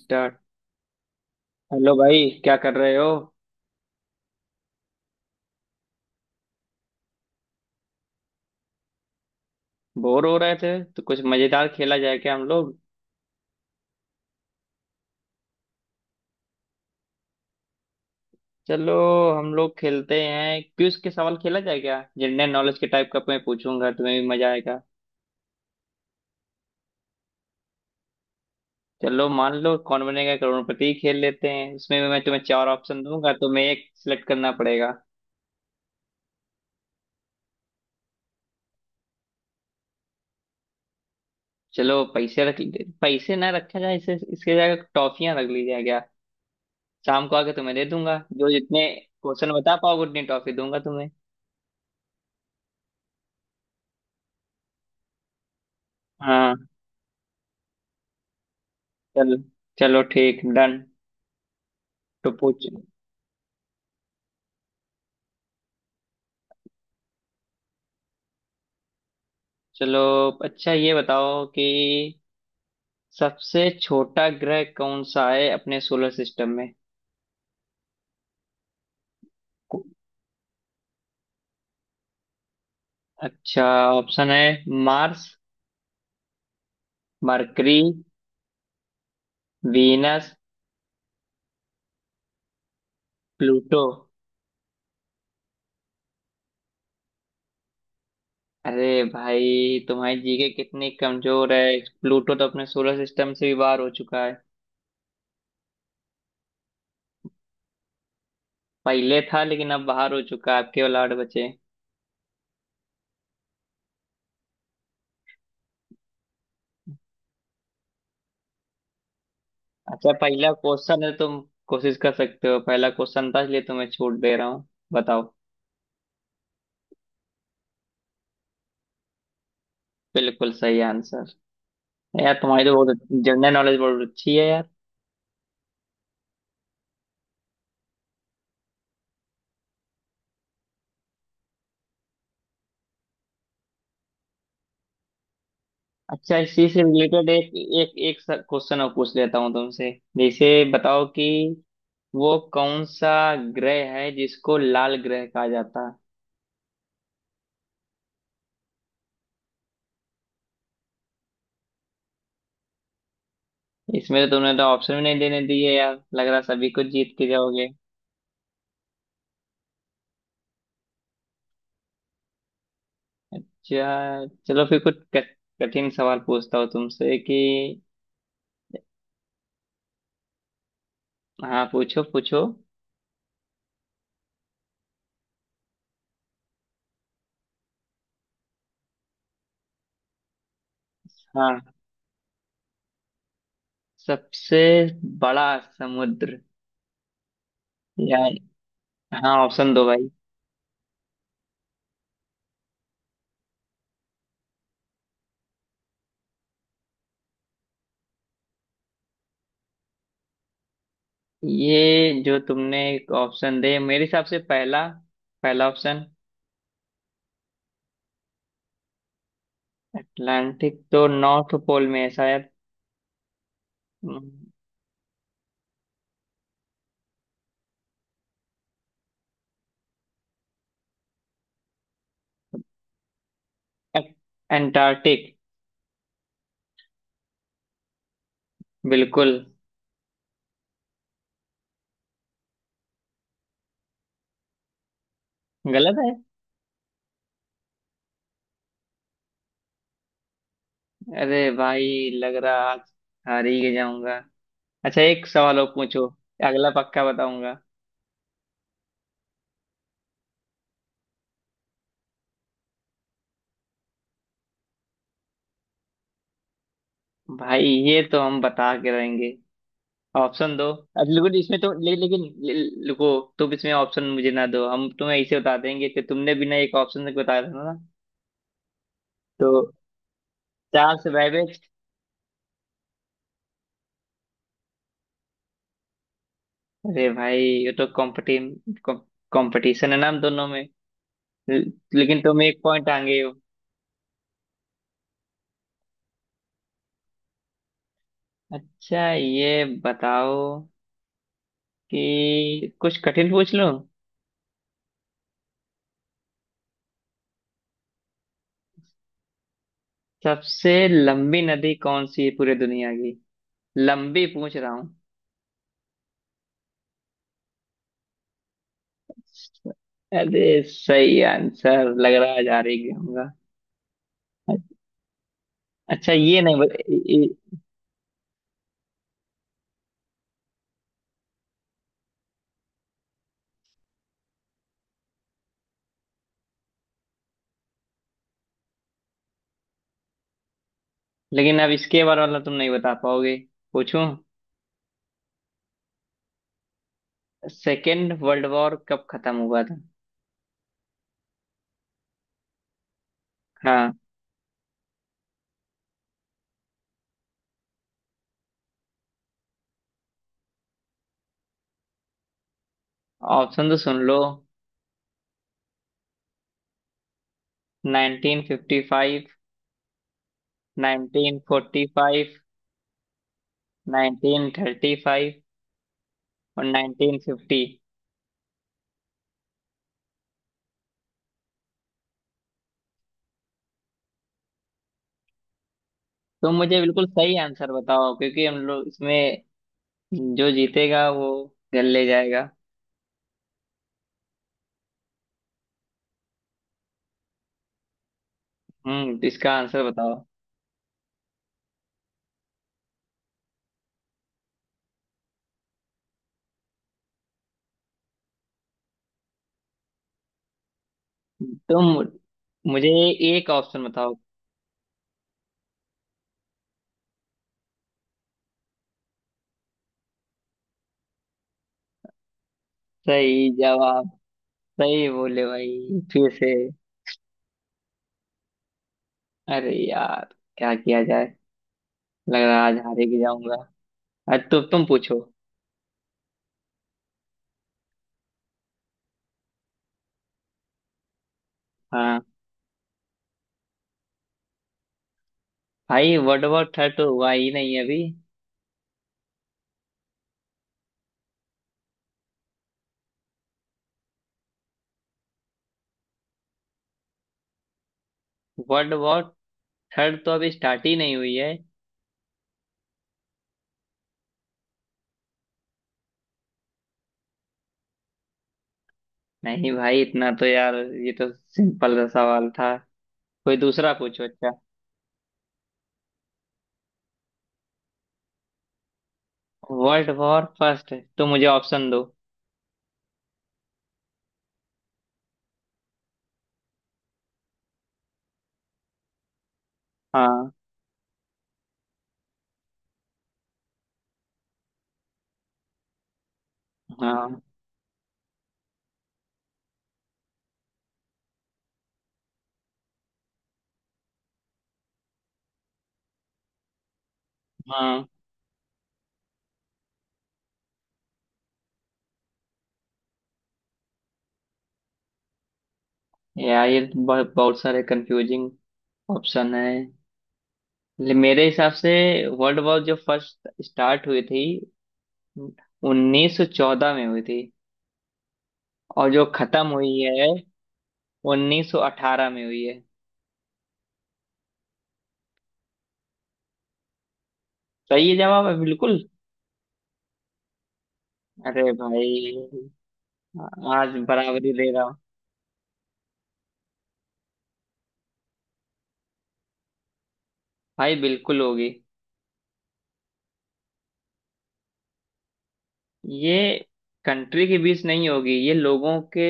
Start. Hello भाई, क्या कर रहे हो? बोर हो रहे थे तो कुछ मजेदार खेला जाए क्या हम लोग? चलो, हम लोग खेलते हैं क्विज के सवाल। खेला जाए क्या? जनरल नॉलेज के टाइप का, मैं पूछूंगा, तुम्हें भी मजा आएगा। चलो, मान लो कौन बनेगा करोड़पति खेल लेते हैं। इसमें भी मैं तुम्हें चार ऑप्शन दूंगा, तुम्हें एक सिलेक्ट करना पड़ेगा। चलो, पैसे ना रखा जाए, इसे इसके जगह टॉफियां रख ली जाए क्या? शाम को आके तुम्हें दे दूंगा, जो जितने क्वेश्चन बता पाओगे उतनी टॉफी दूंगा तुम्हें। हाँ। चलो। चलो, ठीक, डन। तो पूछ। चलो। अच्छा, ये बताओ कि सबसे छोटा ग्रह कौन सा है अपने सोलर सिस्टम में? को- अच्छा, ऑप्शन है: मार्स, मरकरी, वीनस, प्लूटो। अरे भाई, तुम्हारी जीके कितनी कमजोर है! प्लूटो तो अपने सोलर सिस्टम से भी बाहर हो चुका है। पहले था, लेकिन अब बाहर हो चुका है। आपके केवल आठ बचे हैं। अच्छा, पहला क्वेश्चन है, तुम कोशिश कर सकते हो, पहला क्वेश्चन था इसलिए तुम्हें छूट दे रहा हूँ। बताओ। बिल्कुल सही आंसर! यार तुम्हारी तो बहुत जनरल नॉलेज बहुत अच्छी है यार। अच्छा, इसी से रिलेटेड एक एक एक क्वेश्चन और पूछ लेता हूँ तुमसे। जैसे बताओ कि वो कौन सा ग्रह है जिसको लाल ग्रह कहा जाता है? इसमें तो तुमने तो ऑप्शन भी नहीं देने दिए यार, लग रहा सभी कुछ जीत के जाओगे। अच्छा, चलो, फिर कुछ कठिन सवाल पूछता हूँ तुमसे कि... हाँ, पूछो पूछो। हाँ, सबसे बड़ा समुद्र? या... हाँ, ऑप्शन दो भाई। ये जो तुमने एक ऑप्शन दे, मेरे हिसाब से पहला पहला ऑप्शन। अटलांटिक तो नॉर्थ पोल में है शायद। हम्म, ए- अंटार्कटिक। बिल्कुल। गलत है? अरे भाई, लग रहा आज हार ही जाऊंगा। अच्छा, एक सवाल और पूछो, अगला पक्का बताऊंगा। भाई, ये तो हम बता के रहेंगे। ऑप्शन दो अब, लेकिन इसमें तो लेकिन रुको। तुम इसमें ऑप्शन मुझे ना दो, हम तुम्हें ऐसे बता देंगे कि तुमने बिना एक ऑप्शन से बताया था ना। तो चार से बैबेज। अरे भाई, ये तो कॉम्पिटिम कंपटीशन है ना हम दोनों में। लेकिन तुम एक पॉइंट आगे हो। अच्छा, ये बताओ कि कुछ कठिन पूछ लूं? सबसे लंबी नदी कौन सी है पूरी दुनिया की? लंबी पूछ रहा हूँ। अरे, सही आंसर! लग रहा है जा रही होगा। अच्छा, ये नहीं बत, ये- लेकिन अब इसके बारे वाला तुम नहीं बता पाओगे। पूछूं? सेकेंड वर्ल्ड वॉर कब खत्म हुआ था? हाँ, ऑप्शन तो सुन लो: 1955, 1945, 1935 और 1950। तो मुझे बिल्कुल सही आंसर बताओ, क्योंकि हम लोग इसमें जो जीतेगा वो घर ले जाएगा। तो इसका आंसर बताओ। तुम मुझे एक ऑप्शन बताओ। सही जवाब! सही बोले भाई, फिर से। अरे यार, क्या किया जाए? लग रहा है आज हारे के जाऊंगा। आज तो तुम पूछो। हाँ भाई, वर्ल्ड वॉर थर्ड तो हुआ ही नहीं अभी। वर्ल्ड वॉर थर्ड तो अभी स्टार्ट ही नहीं हुई है। नहीं भाई, इतना तो यार ये तो सिंपल सा सवाल था। कोई दूसरा पूछो। अच्छा, वर्ल्ड वॉर फर्स्ट तो मुझे ऑप्शन दो। हाँ। हाँ। हाँ। यार, ये तो बहुत बहुत सारे कंफ्यूजिंग ऑप्शन है। मेरे हिसाब से वर्ल्ड वॉर जो फर्स्ट स्टार्ट हुई थी 1914 में हुई थी, और जो खत्म हुई है 1918 में हुई है। सही है, जवाब है बिल्कुल। अरे भाई, आज बराबरी दे रहा हूँ। भाई बिल्कुल होगी। ये कंट्री के बीच नहीं होगी, ये लोगों के...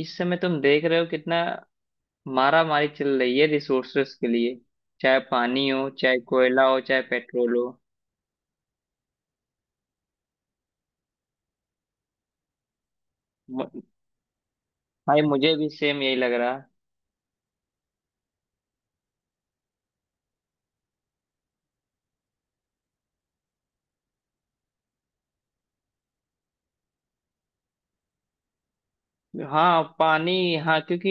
इस समय तुम देख रहे हो कितना मारा मारी चल रही है रिसोर्सेस के लिए? चाहे पानी हो, चाहे कोयला हो, चाहे पेट्रोल हो। मु- भाई मुझे भी सेम यही लग रहा। हाँ, पानी। हाँ, क्योंकि...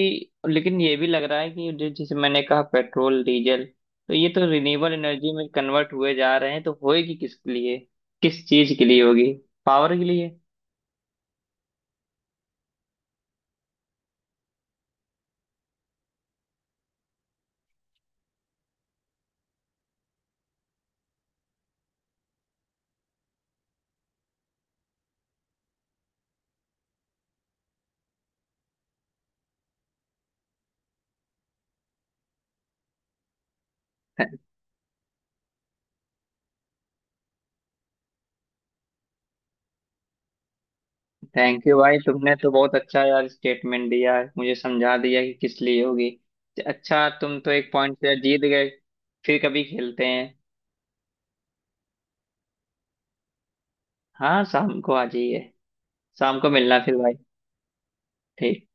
लेकिन ये भी लग रहा है कि जैसे मैंने कहा पेट्रोल डीजल, तो ये तो रिन्यूएबल एनर्जी में कन्वर्ट हुए जा रहे हैं, तो होएगी किसके लिए? किस चीज के लिए होगी? पावर के लिए। थैंक यू भाई, तुमने तो बहुत अच्छा यार स्टेटमेंट दिया है, मुझे समझा दिया कि किस लिए होगी। अच्छा, तुम तो एक पॉइंट से जीत गए। फिर कभी खेलते हैं। हाँ, शाम को आ जाइए। शाम को मिलना फिर भाई। ठीक।